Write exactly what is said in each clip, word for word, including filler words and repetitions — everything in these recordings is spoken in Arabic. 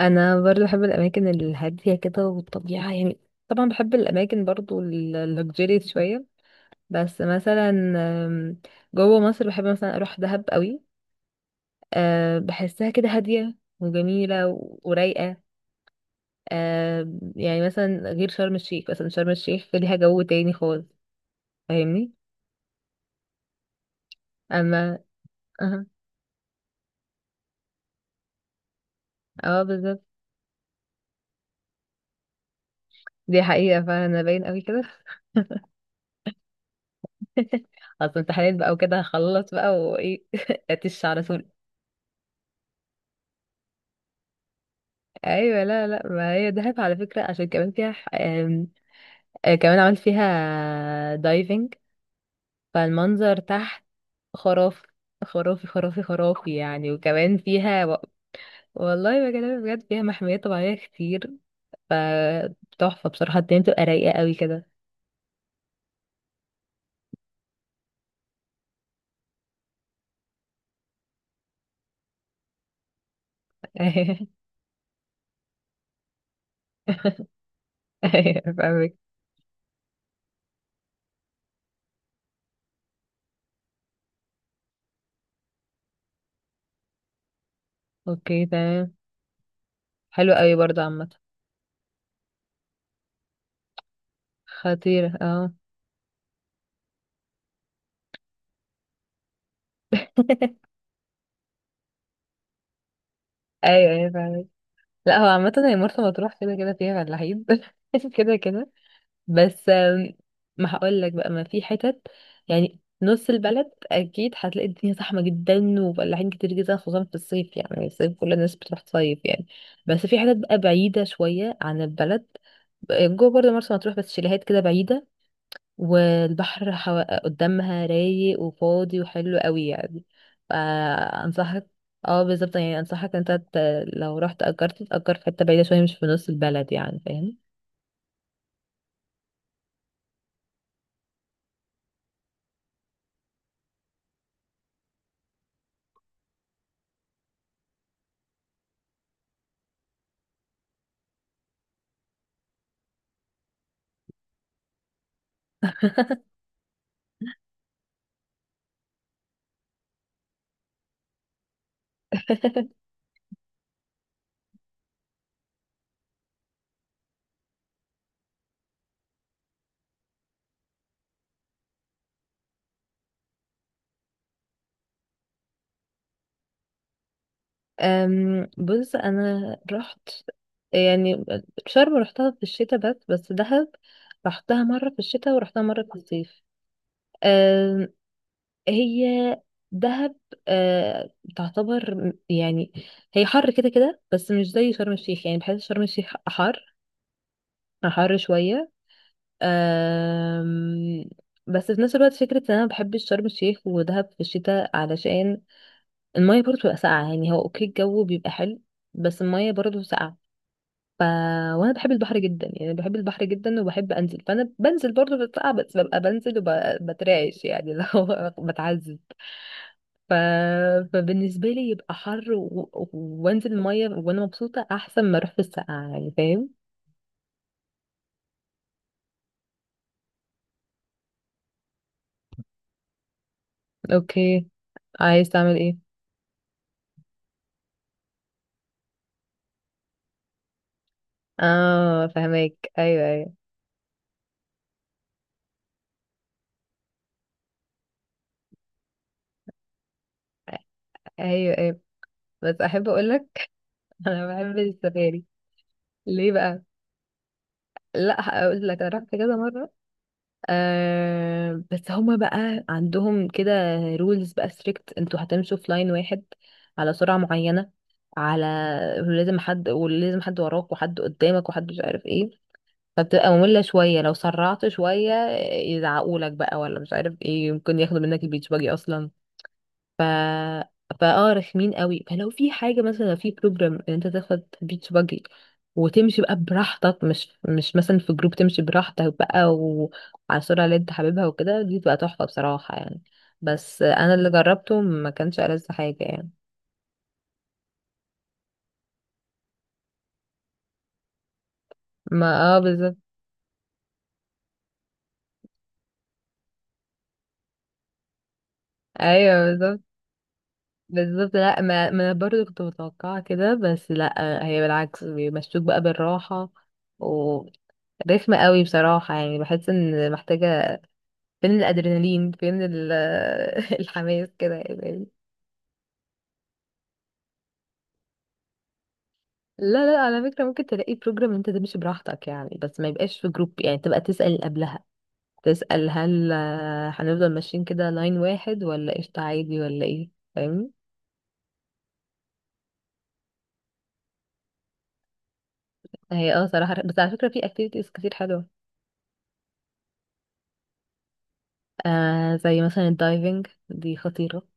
انا برضو بحب الاماكن الهاديه كده والطبيعه يعني. طبعا بحب الاماكن برضو اللوكجيري شويه. بس مثلا آم، جوه مصر بحب مثلا اروح دهب قوي. آه، بحسها كده هاديه وجميله و- ورايقه. آه، يعني مثلا غير شرم الشيخ، مثلا شرم الشيخ ليها جو تاني خالص، فاهمني؟ اما اه، آه، بالظبط. دي حقيقه فعلا، انا باين قوي كده. اصلا امتحانات بقى وكده، هخلص بقى وايه. اتش على طول. ايوه، لا لا، ما هي دهب على فكره عشان كمان فيها ح- آم، آه، كمان عملت فيها دايفنج. فالمنظر تحت خرافي. خرافي خرافي خرافي يعني، وكمان فيها و... والله بكلمك بجد، فيها محميات طبيعيه كتير. فتحفه بصراحه، الدنيا بتبقى رايقه قوي كده. ايوه فاهمك. اوكي تمام. حلو قوي برضه عامه. خطيره اه. ايوه ايوه فاهمك. لا، هو عامه هي مرسى مطروح كده كده فيها فلاحين. كده كده. بس آم، ما هقول لك بقى، ما في حتت. يعني نص البلد اكيد هتلاقي الدنيا زحمه جدا وفلاحين كتير جدا، خصوصا في الصيف، يعني الصيف كل الناس بتروح تصيف يعني. بس في حتت بقى بعيده شويه عن البلد. آه، جوه برضه مرسى مطروح، بس شاليهات كده بعيده. والبحر حو... قدامها رايق وفاضي وحلو قوي يعني. فانصحك. اه بالظبط، يعني انصحك انت ت... لو رحت اجرت تأجر في حته بعيده شويه، مش في نص البلد، يعني فاهم. أم، بص انا رحت، يعني شرم رحتها في الشتاء. بس بس دهب رحتها مرة في الشتاء ورحتها مرة في الصيف. أم، هي دهب أه، تعتبر يعني. هي حر كده كده، بس مش زي شرم الشيخ، يعني بحس شرم الشيخ حر. حر شوية. أم، بس في نفس الوقت، فكرة ان انا بحب شرم الشيخ ودهب في الشتاء علشان المية برضه بتبقى ساقعة. يعني هو اوكي الجو بيبقى حلو، بس المية برضه ساقعة. ف... وانا بحب البحر جدا، يعني بحب البحر جدا وبحب انزل، فانا بنزل برضه بتقع، بس ببقى بنزل وبترعش، يعني اللي هو بتعذب. ف... فبالنسبه لي يبقى حر و... و- وانزل الميه وانا مبسوطه، احسن ما اروح في السقعه، يعني فاهم. اوكي، عايز تعمل ايه؟ اه فهمك، ايوه ايوه. ايوه ايوه بس احب اقول لك. انا بحب السفاري. ليه بقى؟ لا، هقول لك انا رحت كذا مره. آه بس هما بقى عندهم كده رولز بقى ستريكت، انتوا هتمشوا في لاين واحد على سرعة معينة. على ولازم حد ولازم حد وراك، وحد قدامك، وحد مش عارف ايه. فبتبقى مملة شوية، لو سرعت شوية يزعقولك بقى، ولا مش عارف ايه، ممكن ياخدوا منك البيتش باجي اصلا. ف فاه رخمين قوي، فلو في حاجه مثلا، لو في بروجرام ان انت تاخد بيتش باجي وتمشي بقى براحتك، مش مش مثلا في جروب، تمشي براحتك بقى وعلى السرعه اللي انت حاببها وكده، دي تبقى تحفه بصراحه يعني. بس انا اللي جربته ما كانش ألذ حاجه يعني. ما اه بالظبط. ايوه بالظبط. بالظبط، لا ما, ما انا برضه كنت متوقعه كده، بس لا، هي بالعكس بيمشوك بقى بالراحه. و رخمة قوي بصراحة، يعني بحس ان محتاجة فين الادرينالين، فين ال- الحماس كده يعني. لا لا، على فكرة ممكن تلاقي بروجرام انت تمشي براحتك يعني، بس ما يبقاش في جروب، يعني تبقى تسأل قبلها. تسأل هل آه، هنفضل ماشيين كده لاين واحد، ولا قشطة عادي ولا ايه، فاهمني؟ هي اه صراحة، بس على فكرة في اكتيفيتيز كتير حلوة. آه زي مثلا الدايفنج دي خطيرة.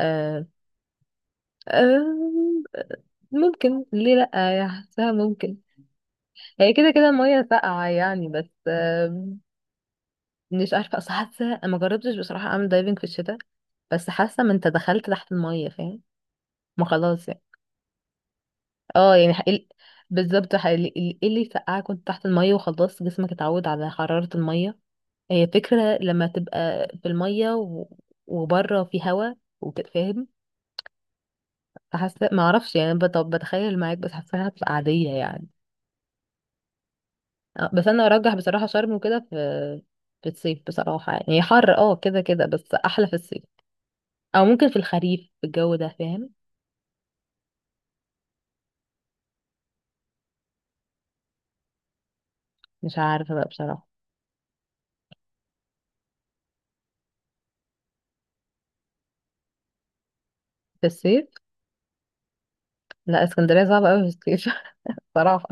آه. آه، ممكن، ليه لأ يعني، حاساها ممكن. هي كده كده المية ساقعة يعني، بس مش عارفه، اصل حاسه ما جربتش بصراحه اعمل دايفنج في الشتاء. بس حاسه ما انت دخلت تحت الميه فاهم، ما خلاص يعني. اه يعني ح- ال- بالظبط ح- ال- ال- ايه اللي يسقعك وانت تحت الميه، وخلاص جسمك اتعود على حراره الميه. هي فكره لما تبقى في الميه و- وبره في هوا وتتفاهم. فحاسه ما اعرفش يعني، بت- طب بتخيل معاك، بس حاساها هتبقى عاديه يعني. آه، بس انا ارجح بصراحه شرم وكده، في في الصيف بصراحه يعني، هي حر اه كده كده بس احلى في الصيف. او ممكن في الخريف، في الجو ده فاهم. مش عارفة بقى بصراحة. في الصيف. لا، اسكندرية صعبة أوي في الصيف. بصراحة.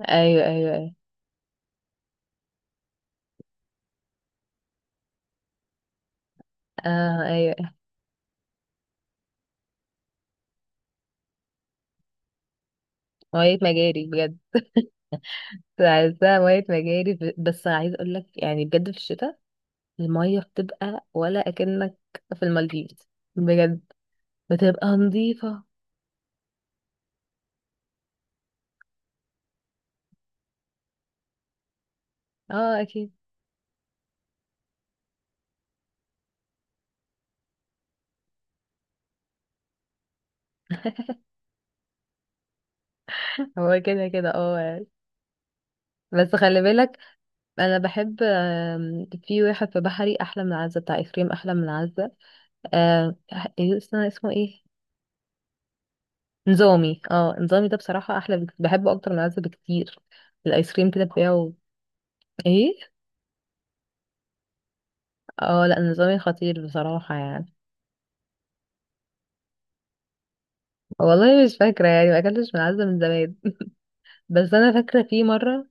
أيوة أيوة أيوة. آه أيوة. مية مجاري بجد. عايزاها مية مجاري ب- بس عايز أقولك يعني بجد، في الشتاء المية بتبقى ولا أكنك في المالديف بجد. بتبقى نظيفة. اه أكيد. هو كده كده اه يعني. بس خلي بالك، أنا بحب آم، في واحد في بحري أحلى من عزة بتاع إفريم، أحلى من عزة. آه، إيه اسمه، اسمه إيه، نظامي. اه، نظامي ده بصراحة أحلى بك... بحبه أكتر من العزة بكتير. الآيس كريم كده بتاعه. ايه. اه، لا نظامي خطير بصراحة يعني. والله مش فاكرة يعني، ما أكلتش من العزة من زمان. بس أنا فاكرة في مرة.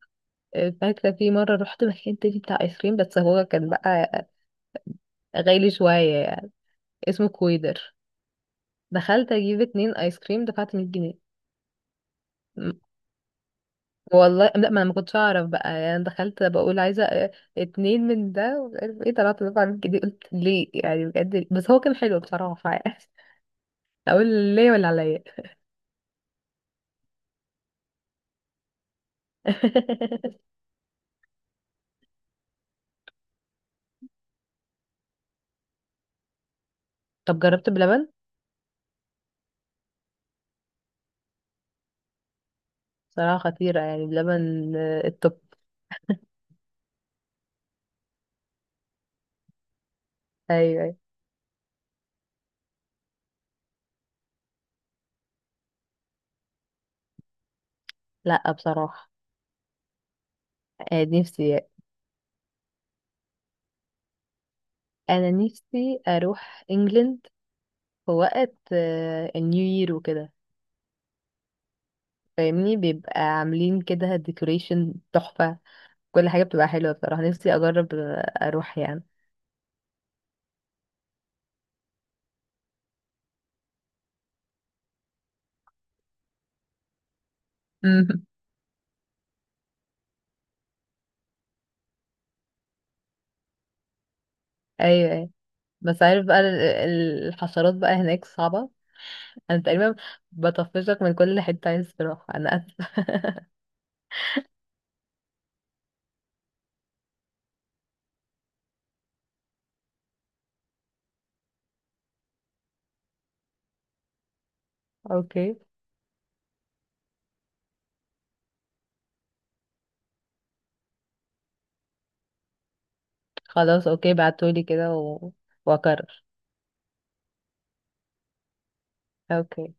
فاكرة في مرة رحت مكان تاني بتاع آيس كريم، بس هو كان بقى غالي شوية يعني. اسمه كويدر. دخلت أجيب اتنين آيس كريم، دفعت مية جنيه. والله لا، ما انا ما كنتش اعرف بقى يعني، انا دخلت بقول عايزه آه، اتنين من ده ومش عارف ايه. طلعت طلعت من كده قلت ليه يعني، بجد ليه؟ بس هو كان حلو بصراحه يعني. اقول ليه ولا عليا. طب جربت بلبن. بصراحه خطيره يعني بلبن، آه، التوب. ايوه أيوة. لا بصراحه. آه، نفسي، انا نفسي اروح انجلند في وقت آه، النيو يير وكده، فاهمني؟ بيبقى عاملين كده ديكوريشن تحفه، كل حاجه بتبقى حلوه بصراحه. نفسي اجرب آه، اروح يعني. مم. ايوه ايوه. بس عارف بقى ال- ال- الحشرات بقى هناك صعبة. انا تقريبا بطفشك من كل حتة عايز تروح، انا اسفة. اوكي خلاص، اوكي بعتولي كده و... واكرر. اوكي.